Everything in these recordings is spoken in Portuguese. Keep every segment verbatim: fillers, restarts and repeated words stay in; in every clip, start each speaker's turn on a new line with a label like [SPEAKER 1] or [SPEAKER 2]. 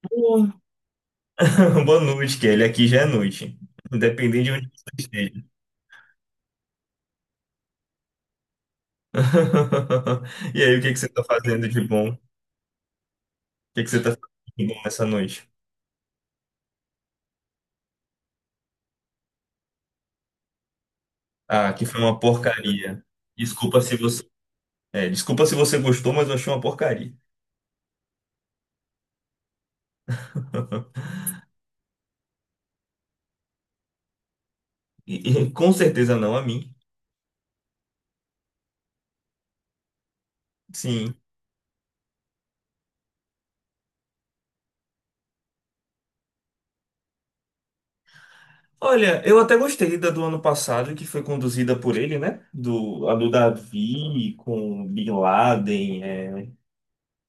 [SPEAKER 1] Bom. Boa noite, Kelly. Aqui já é noite, independente de onde você esteja. E aí, o que que você tá fazendo de bom? O que que você tá fazendo de bom nessa noite? Ah, que foi uma porcaria. Desculpa se você, é, desculpa se você gostou, mas eu achei uma porcaria. E, e com certeza não a mim. Sim. Olha, eu até gostei da do ano passado, que foi conduzida por ele, né? Do, a do Davi com Bin Laden. É.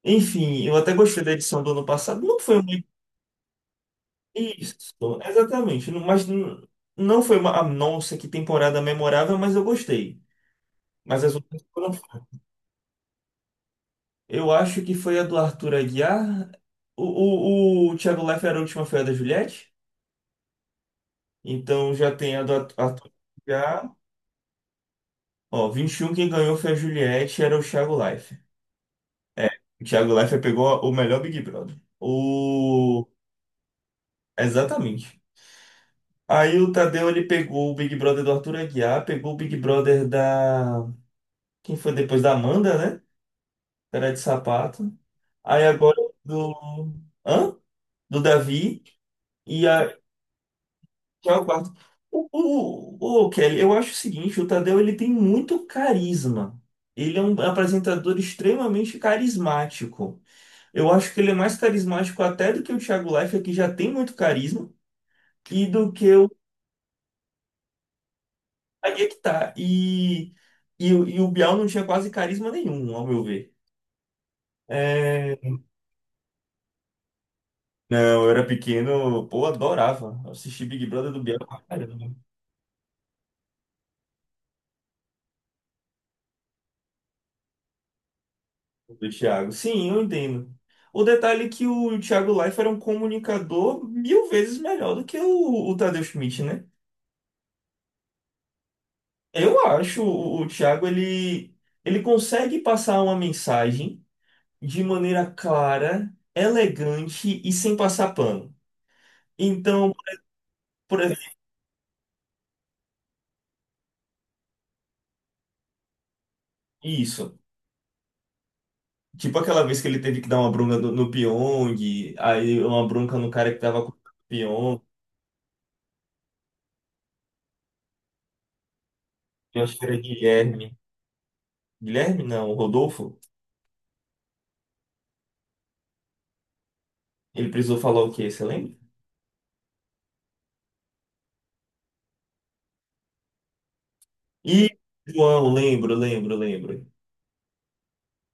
[SPEAKER 1] Enfim, eu até gostei da edição do ano passado. Não foi uma... Isso, exatamente. Não- Mas n- não foi uma, ah, nossa, que temporada memorável, mas eu gostei. Mas as outras foram. Eu acho que foi a do Arthur Aguiar. O, o, o Thiago Leifert, a última foi a da Juliette. Então já tem a do Arthur Aguiar. Ó, vinte e um, quem ganhou foi a Juliette, era o Thiago Leifert. É, o Thiago Leifert pegou o melhor Big Brother. O... Exatamente. Aí o Tadeu, ele pegou o Big Brother do Arthur Aguiar, pegou o Big Brother da... Quem foi depois da Amanda, né? Era de sapato. Aí agora do. Hã? Do Davi. E a... já é o quarto. O, o, o Kelly, eu acho o seguinte: o Tadeu ele tem muito carisma. Ele é um apresentador extremamente carismático. Eu acho que ele é mais carismático até do que o Thiago Leifert, que já tem muito carisma, e do que o... Aí é que tá. E, e, o- e o Bial não tinha quase carisma nenhum, ao meu ver. É. Não, eu era pequeno, pô, adorava assistir Big Brother do Biel pra caramba, né? Do Thiago. Sim, eu entendo. O detalhe é que o Thiago Leifert era um comunicador mil vezes melhor do que o, o Tadeu Schmidt, né? Eu acho o, o Thiago, ele, ele consegue passar uma mensagem de maneira clara, elegante e sem passar pano. Então, por exemplo, isso. Tipo aquela vez que ele teve que dar uma bronca no, no Pyong, aí uma bronca no cara que tava com o Pyong. Acho que era Guilherme. Guilherme, não, Rodolfo. Ele precisou falar o quê? Você lembra? E João, lembro, lembro, lembro.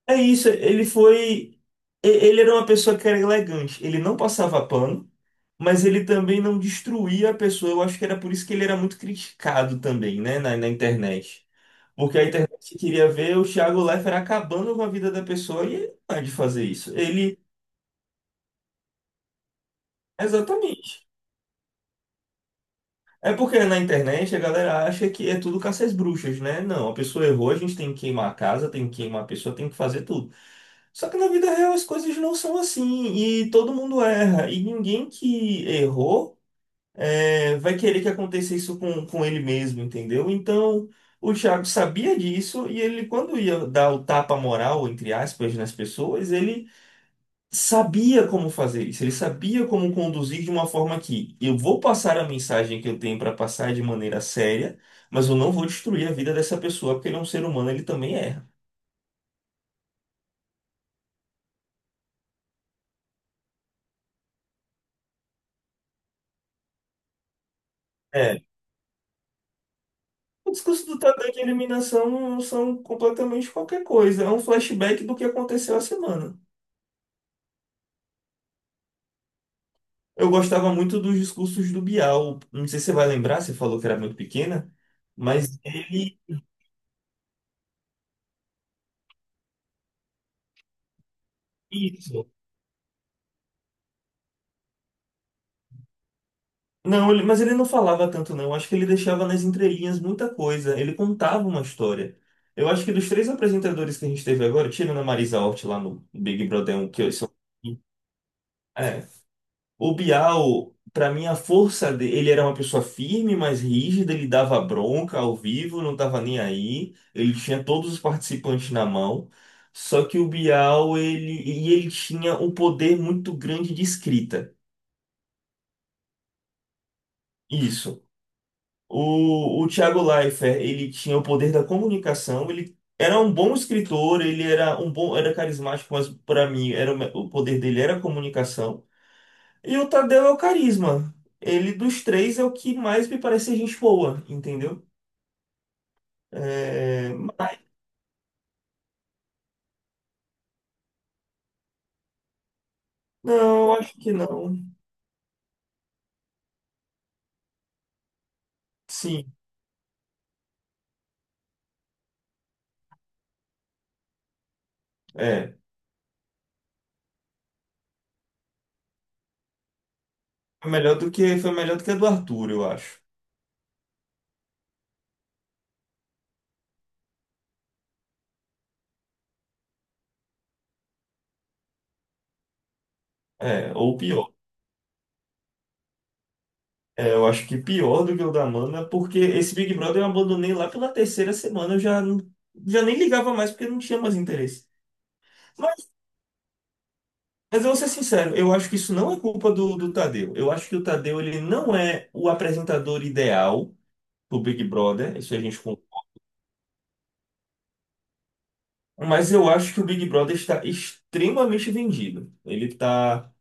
[SPEAKER 1] É isso, ele foi. e- Ele era uma pessoa que era elegante. Ele não passava pano, mas ele também não destruía a pessoa. Eu acho que era por isso que ele era muito criticado também, né, na, na internet. Porque a internet queria ver o Thiago Leifert acabando com a vida da pessoa e ele não é de fazer isso. Ele... Exatamente. É porque na internet a galera acha que é tudo caça às bruxas, né? Não, a pessoa errou, a gente tem que queimar a casa, tem que queimar a pessoa, tem que fazer tudo. Só que na vida real as coisas não são assim e todo mundo erra. E ninguém que errou, é, vai querer que aconteça isso com, com ele mesmo, entendeu? Então o Thiago sabia disso e ele, quando ia dar o tapa moral, entre aspas, nas pessoas, ele sabia como fazer isso, ele sabia como conduzir de uma forma que eu vou passar a mensagem que eu tenho para passar de maneira séria, mas eu não vou destruir a vida dessa pessoa, porque ele é um ser humano, ele também erra. É. O discurso do Tadeu de eliminação são completamente qualquer coisa, é um flashback do que aconteceu a semana. Eu gostava muito dos discursos do Bial, não sei se você vai lembrar, você falou que era muito pequena, mas ele... Isso. Não, ele- mas ele não falava tanto, não. Eu acho que ele deixava nas entrelinhas muita coisa. Ele contava uma história. Eu acho que dos três apresentadores que a gente teve agora, tirando a Marisa Hort lá no Big Brother um que eu sou... Um. É. O Bial, pra mim, a força dele, ele era uma pessoa firme, mas rígida, ele dava bronca ao vivo, não tava nem aí. Ele tinha todos os participantes na mão. Só que o Bial, ele, e ele tinha um poder muito grande de escrita. Isso. O, o Thiago Leifert, ele tinha o poder da comunicação, ele era um bom escritor, ele era um bom, era carismático, mas para mim era o, me- o poder dele era a comunicação. E o Tadeu é o carisma. Ele dos três é o que mais me parece ser gente boa, entendeu? É, mas não, acho que não. Sim, é. Foi melhor do que foi melhor do que a do Arthur, eu acho. É, ou pior. É, eu acho que pior do que o da Mana, porque esse Big Brother eu abandonei lá pela terceira semana, eu já, não- já nem ligava mais porque não tinha mais interesse. Mas, mas eu vou ser sincero, eu acho que isso não é culpa do, do Tadeu. Eu acho que o Tadeu ele não é o apresentador ideal do Big Brother, isso a gente con- Mas eu acho que o Big Brother está extremamente vendido. Ele está...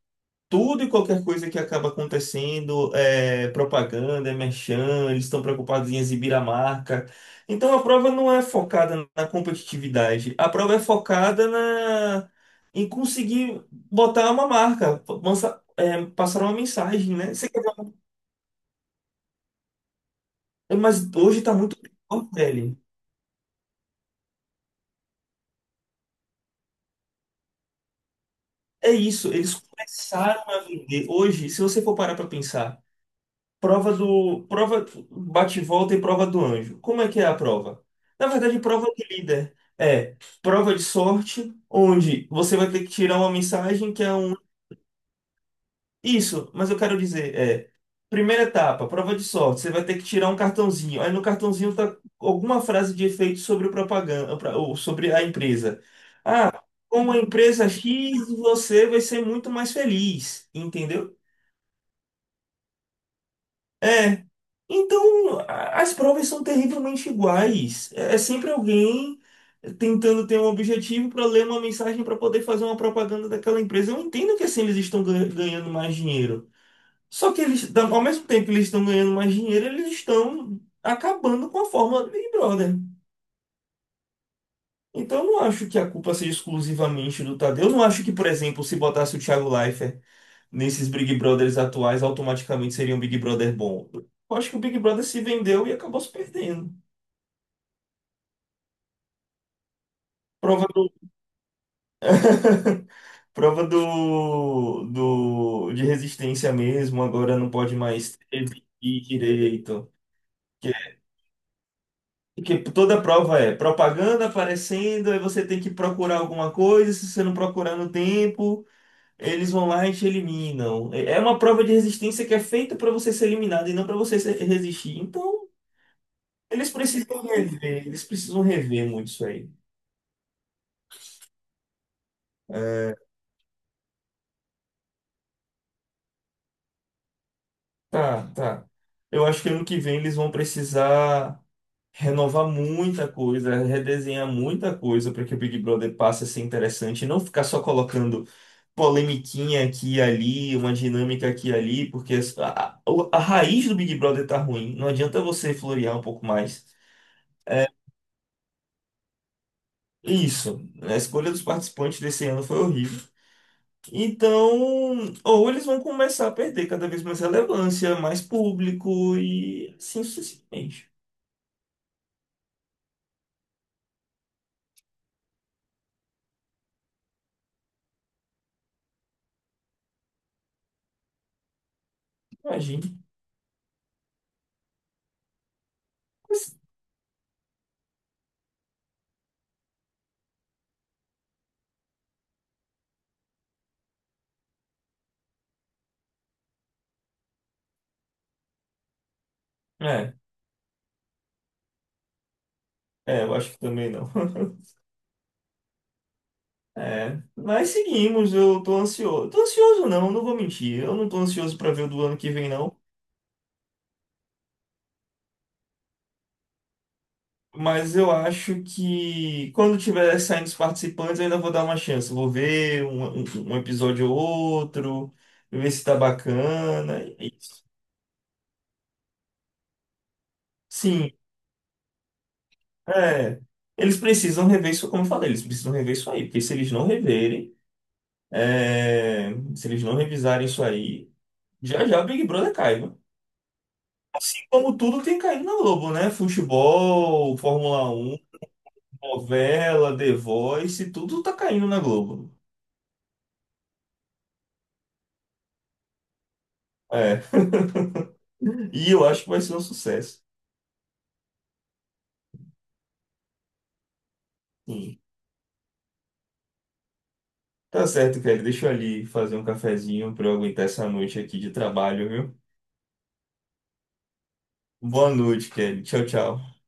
[SPEAKER 1] Tudo e qualquer coisa que acaba acontecendo é propaganda, é merchan, eles estão preocupados em exibir a marca. Então a prova não é focada na competitividade, a prova é focada na... em conseguir botar uma marca, lança- é, passar uma mensagem, né? Você quer ver- Mas hoje está muito pior, velho. É isso, eles começaram a vender. Hoje, se você for parar para pensar. Prova do. Prova bate e volta e prova do anjo. Como é que é a prova? Na verdade, prova do líder. É prova de sorte, onde você vai ter que tirar uma mensagem que é um. Isso, mas eu quero dizer, é. Primeira etapa, prova de sorte. Você vai ter que tirar um cartãozinho. Aí no cartãozinho tá alguma frase de efeito sobre o propaganda, pra- ou sobre a empresa. Ah, com a empresa X, você vai ser muito mais feliz, entendeu? É. Então, a- as provas são terrivelmente iguais. É é sempre alguém tentando ter um objetivo para ler uma mensagem para poder fazer uma propaganda daquela empresa. Eu entendo que assim eles estão gan- ganhando mais dinheiro. Só que eles, da- ao mesmo tempo que eles estão ganhando mais dinheiro, eles estão acabando com a fórmula do Big Brother. Então, eu não acho que a culpa seja exclusivamente do Tadeu. Eu não acho que, por exemplo, se botasse o Thiago Leifert nesses Big Brothers atuais automaticamente seria um Big Brother bom. Eu acho que o Big Brother se vendeu e acabou se perdendo. Prova do, prova do, do de resistência mesmo, agora não pode mais ter direito. Que, que toda prova é propaganda aparecendo, aí você tem que procurar alguma coisa, se você não procurar no tempo, eles vão lá e te eliminam. É é uma prova de resistência que é feita para você ser eliminado e não para você se- resistir. Então, eles precisam rever, eles precisam rever muito isso aí. Tá, tá. Eu acho que ano que vem eles vão precisar renovar muita coisa, redesenhar muita coisa para que o Big Brother passe a ser interessante e não ficar só colocando polemiquinha aqui e ali, uma dinâmica aqui e ali, porque a, a- a raiz do Big Brother tá ruim. Não adianta você florear um pouco mais. É isso, a escolha dos participantes desse ano foi horrível. Então, ou eles vão começar a perder cada vez mais relevância, mais público e assim sucessivamente. Imagina. É, é, eu acho que também não. É, mas seguimos, eu tô ansioso. Tô ansioso não, não vou mentir. Eu não tô ansioso pra ver o do ano que vem não, mas eu acho que quando tiver saindo os participantes, eu ainda vou dar uma chance. Vou ver um, um- um episódio ou outro, ver se tá bacana. E- e- Sim. É, eles precisam rever isso, como eu falei, eles precisam rever isso aí, porque se eles não reverem, é, se eles não revisarem isso aí, já já o Big Brother cai, viu? Assim como tudo tem caído na Globo, né? Futebol, Fórmula Um, novela, The Voice, tudo tá caindo na Globo. É, e eu acho que vai ser um sucesso. Sim. Tá certo, Kelly, deixa eu ali fazer um cafezinho pra eu aguentar essa noite aqui de trabalho, viu? Boa noite, Kelly. Tchau, tchau.